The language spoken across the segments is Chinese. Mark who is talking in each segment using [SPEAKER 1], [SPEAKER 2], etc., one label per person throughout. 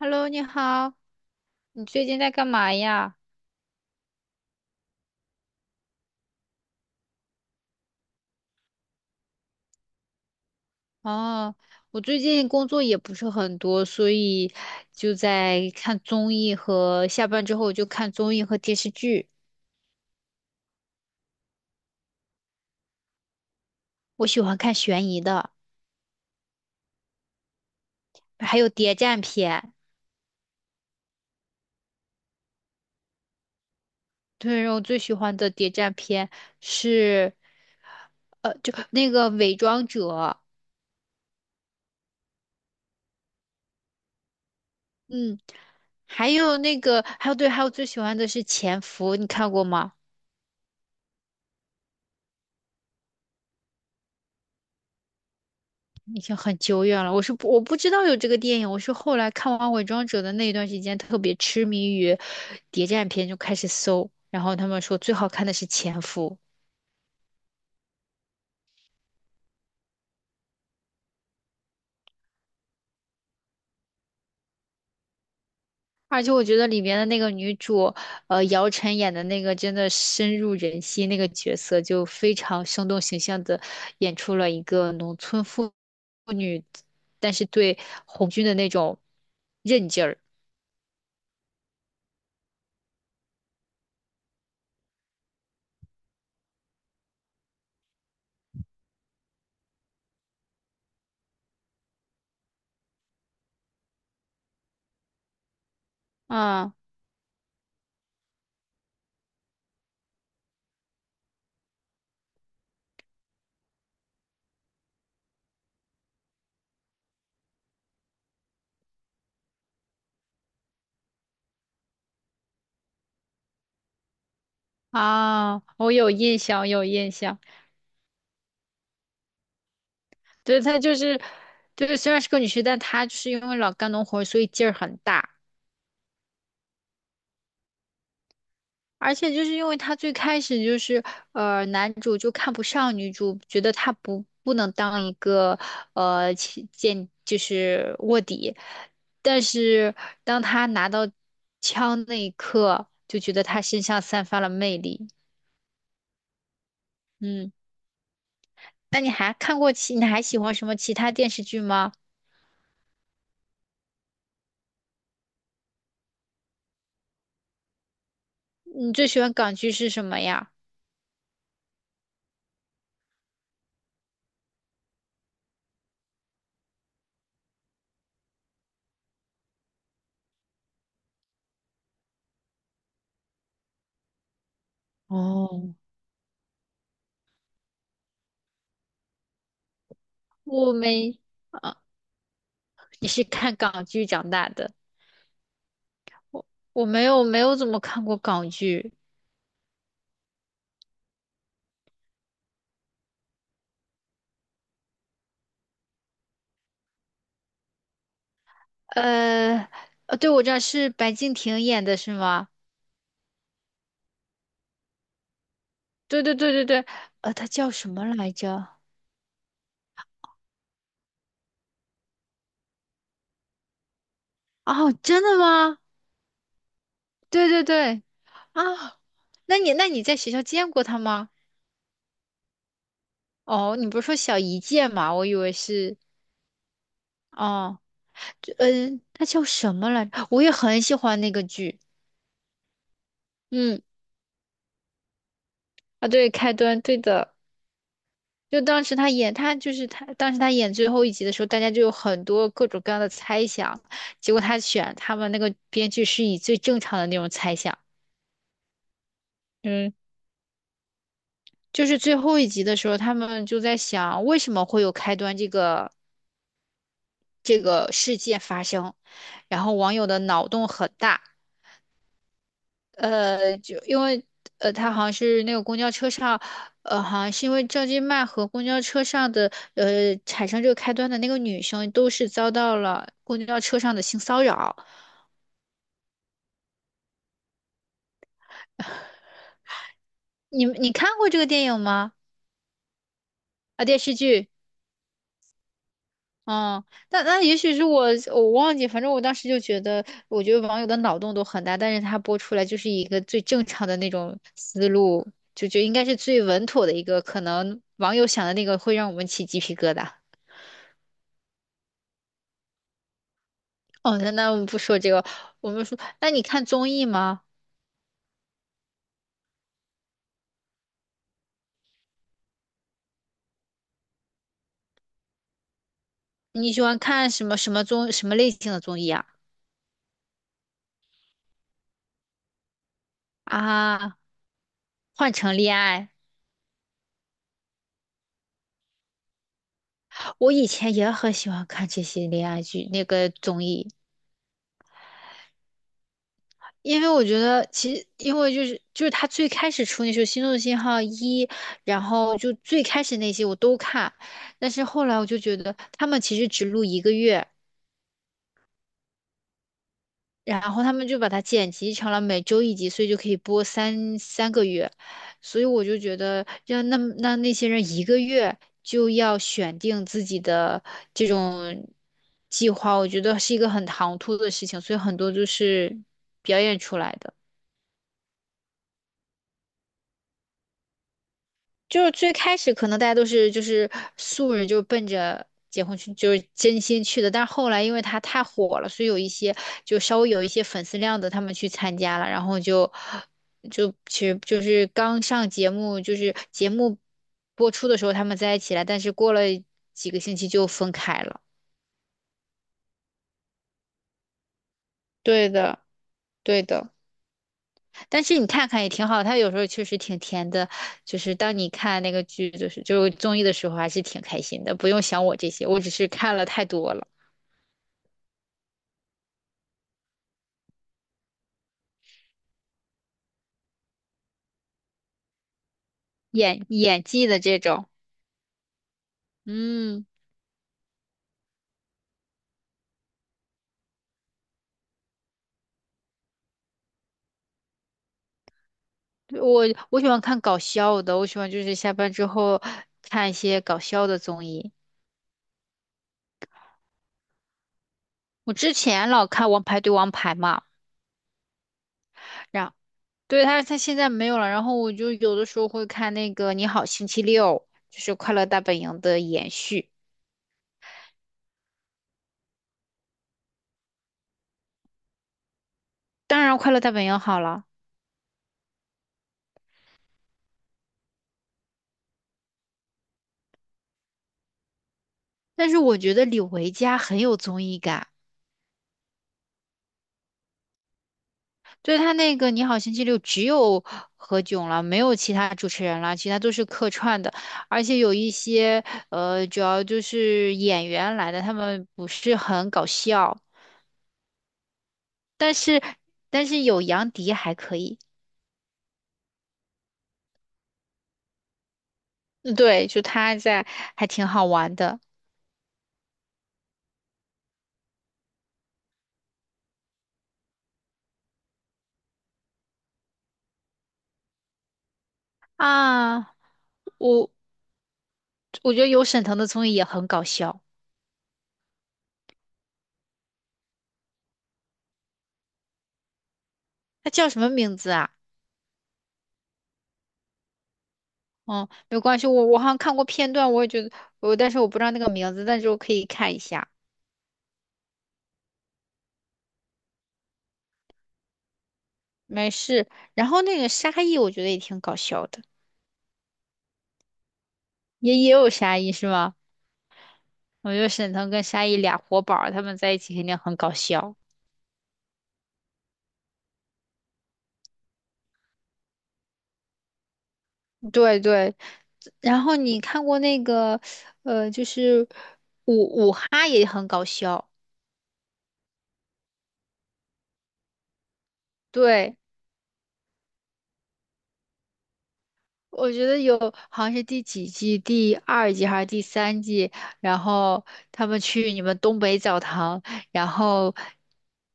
[SPEAKER 1] Hello，你好，你最近在干嘛呀？哦，我最近工作也不是很多，所以就在看综艺和下班之后就看综艺和电视剧。我喜欢看悬疑的，还有谍战片。对，我最喜欢的谍战片是，就那个《伪装者》，嗯，还有那个，还有对，还有最喜欢的是《潜伏》，你看过吗？已经很久远了。我不知道有这个电影，我是后来看完《伪装者》的那一段时间，特别痴迷于谍战片，就开始搜。然后他们说最好看的是《潜伏》，而且我觉得里面的那个女主，姚晨演的那个真的深入人心，那个角色就非常生动形象的演出了一个农村妇女，但是对红军的那种韧劲儿。啊我有印象，有印象。对，她就是，对，虽然是个女婿，但她就是因为老干农活儿所以劲儿很大。而且就是因为她最开始就是，男主就看不上女主，觉得她不能当一个呃起间就是卧底。但是当她拿到枪那一刻，就觉得她身上散发了魅力。嗯，那你还看过其，你还喜欢什么其他电视剧吗？你最喜欢港剧是什么呀？哦，我没。啊你是看港剧长大的？我没有怎么看过港剧。呃，对，我知道是白敬亭演的是吗？对对对对对，呃，他叫什么来着？哦，真的吗？对对对，啊，那你在学校见过他吗？哦，你不是说小一届吗？我以为是，哦，这嗯，他叫什么来着？我也很喜欢那个剧。嗯，啊，对，开端，对的。就当时他演，他就是他，当时他演最后一集的时候，大家就有很多各种各样的猜想，结果他选他们那个编剧是以最正常的那种猜想，嗯，就是最后一集的时候，他们就在想为什么会有开端这个事件发生，然后网友的脑洞很大，就因为他好像是那个公交车上，好像是因为赵今麦和公交车上的产生这个开端的那个女生，都是遭到了公交车上的性骚扰。你你看过这个电影吗？啊，电视剧？嗯，那那也许是我忘记，反正我当时就觉得，我觉得网友的脑洞都很大，但是他播出来就是一个最正常的那种思路，就应该是最稳妥的一个，可能网友想的那个会让我们起鸡皮疙瘩。哦，那那我们不说这个，我们说，那你看综艺吗？你喜欢看什么什么综什么类型的综艺啊？啊，换成恋爱，我以前也很喜欢看这些恋爱剧那个综艺，因为我觉得其实因为就是他最开始出那时候《心动信号一》，然后就最开始那些我都看，但是后来我就觉得他们其实只录一个月。然后他们就把它剪辑成了每周一集，所以就可以播三个月。所以我就觉得，让那些人一个月就要选定自己的这种计划，我觉得是一个很唐突的事情，所以很多就是表演出来的。就是最开始可能大家都是就是素人，就是奔着结婚去，就是真心去的。但是后来因为他太火了，所以有一些就稍微有一些粉丝量的，他们去参加了，然后就其实就是刚上节目，就是节目播出的时候他们在一起了，但是过了几个星期就分开了。对的，对的。但是你看看也挺好，它有时候确实挺甜的，就是当你看那个剧，就是综艺的时候，还是挺开心的。不用想我这些，我只是看了太多了，演技的这种，嗯，我我喜欢看搞笑的，我喜欢就是下班之后看一些搞笑的综艺。我之前老看《王牌对王牌》嘛，然对他现在没有了，然后我就有的时候会看那个《你好星期六》，就是《快乐大本营》的延续。当然，《快乐大本营》好了。但是我觉得李维嘉很有综艺感，对他那个《你好星期六》只有何炅了，没有其他主持人了，其他都是客串的，而且有一些主要就是演员来的，他们不是很搞笑，但是但是有杨迪还可以，嗯对，就他在还挺好玩的啊，我我觉得有沈腾的综艺也很搞笑，他叫什么名字啊？哦，没关系，我好像看过片段，我也觉得我，但是我不知道那个名字，但是我可以看一下，没事。然后那个沙溢，我觉得也挺搞笑的，也有沙溢是吗？我觉得沈腾跟沙溢俩活宝儿他们在一起肯定很搞笑。对对，然后你看过那个，就是五五哈也很搞笑，对。我觉得有，好像是第几季，第二季还是第三季，然后他们去你们东北澡堂，然后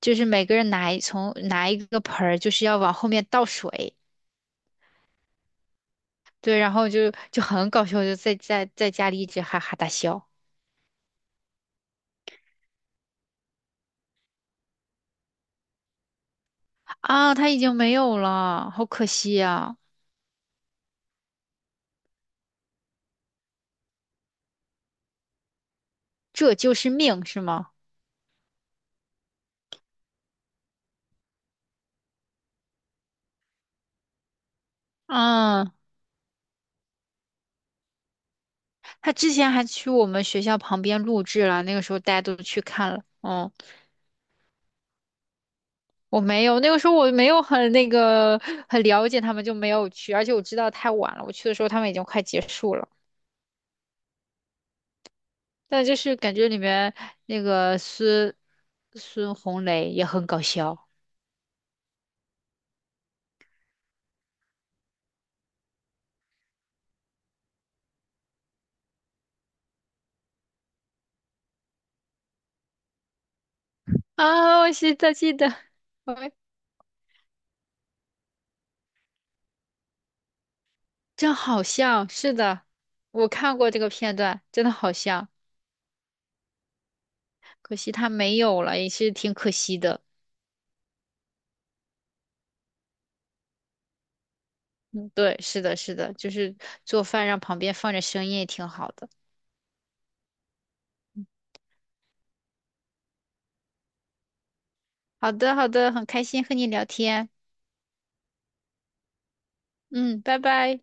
[SPEAKER 1] 就是每个人拿一个盆儿，就是要往后面倒水，对，然后就很搞笑，就在在家里一直哈哈大笑啊，他已经没有了，好可惜呀、这就是命，是吗？嗯，他之前还去我们学校旁边录制了，那个时候大家都去看了，嗯我没有，那个时候我没有很那个很了解他们，就没有去，而且我知道太晚了，我去的时候他们已经快结束了。但就是感觉里面那个孙红雷也很搞笑啊，我记得，哎，真好像是的，我看过这个片段，真的好像，可惜他没有了，也是挺可惜的。嗯，对，是的，是的，就是做饭让旁边放着声音也挺好的。好的，好的，很开心和你聊天。嗯，拜拜。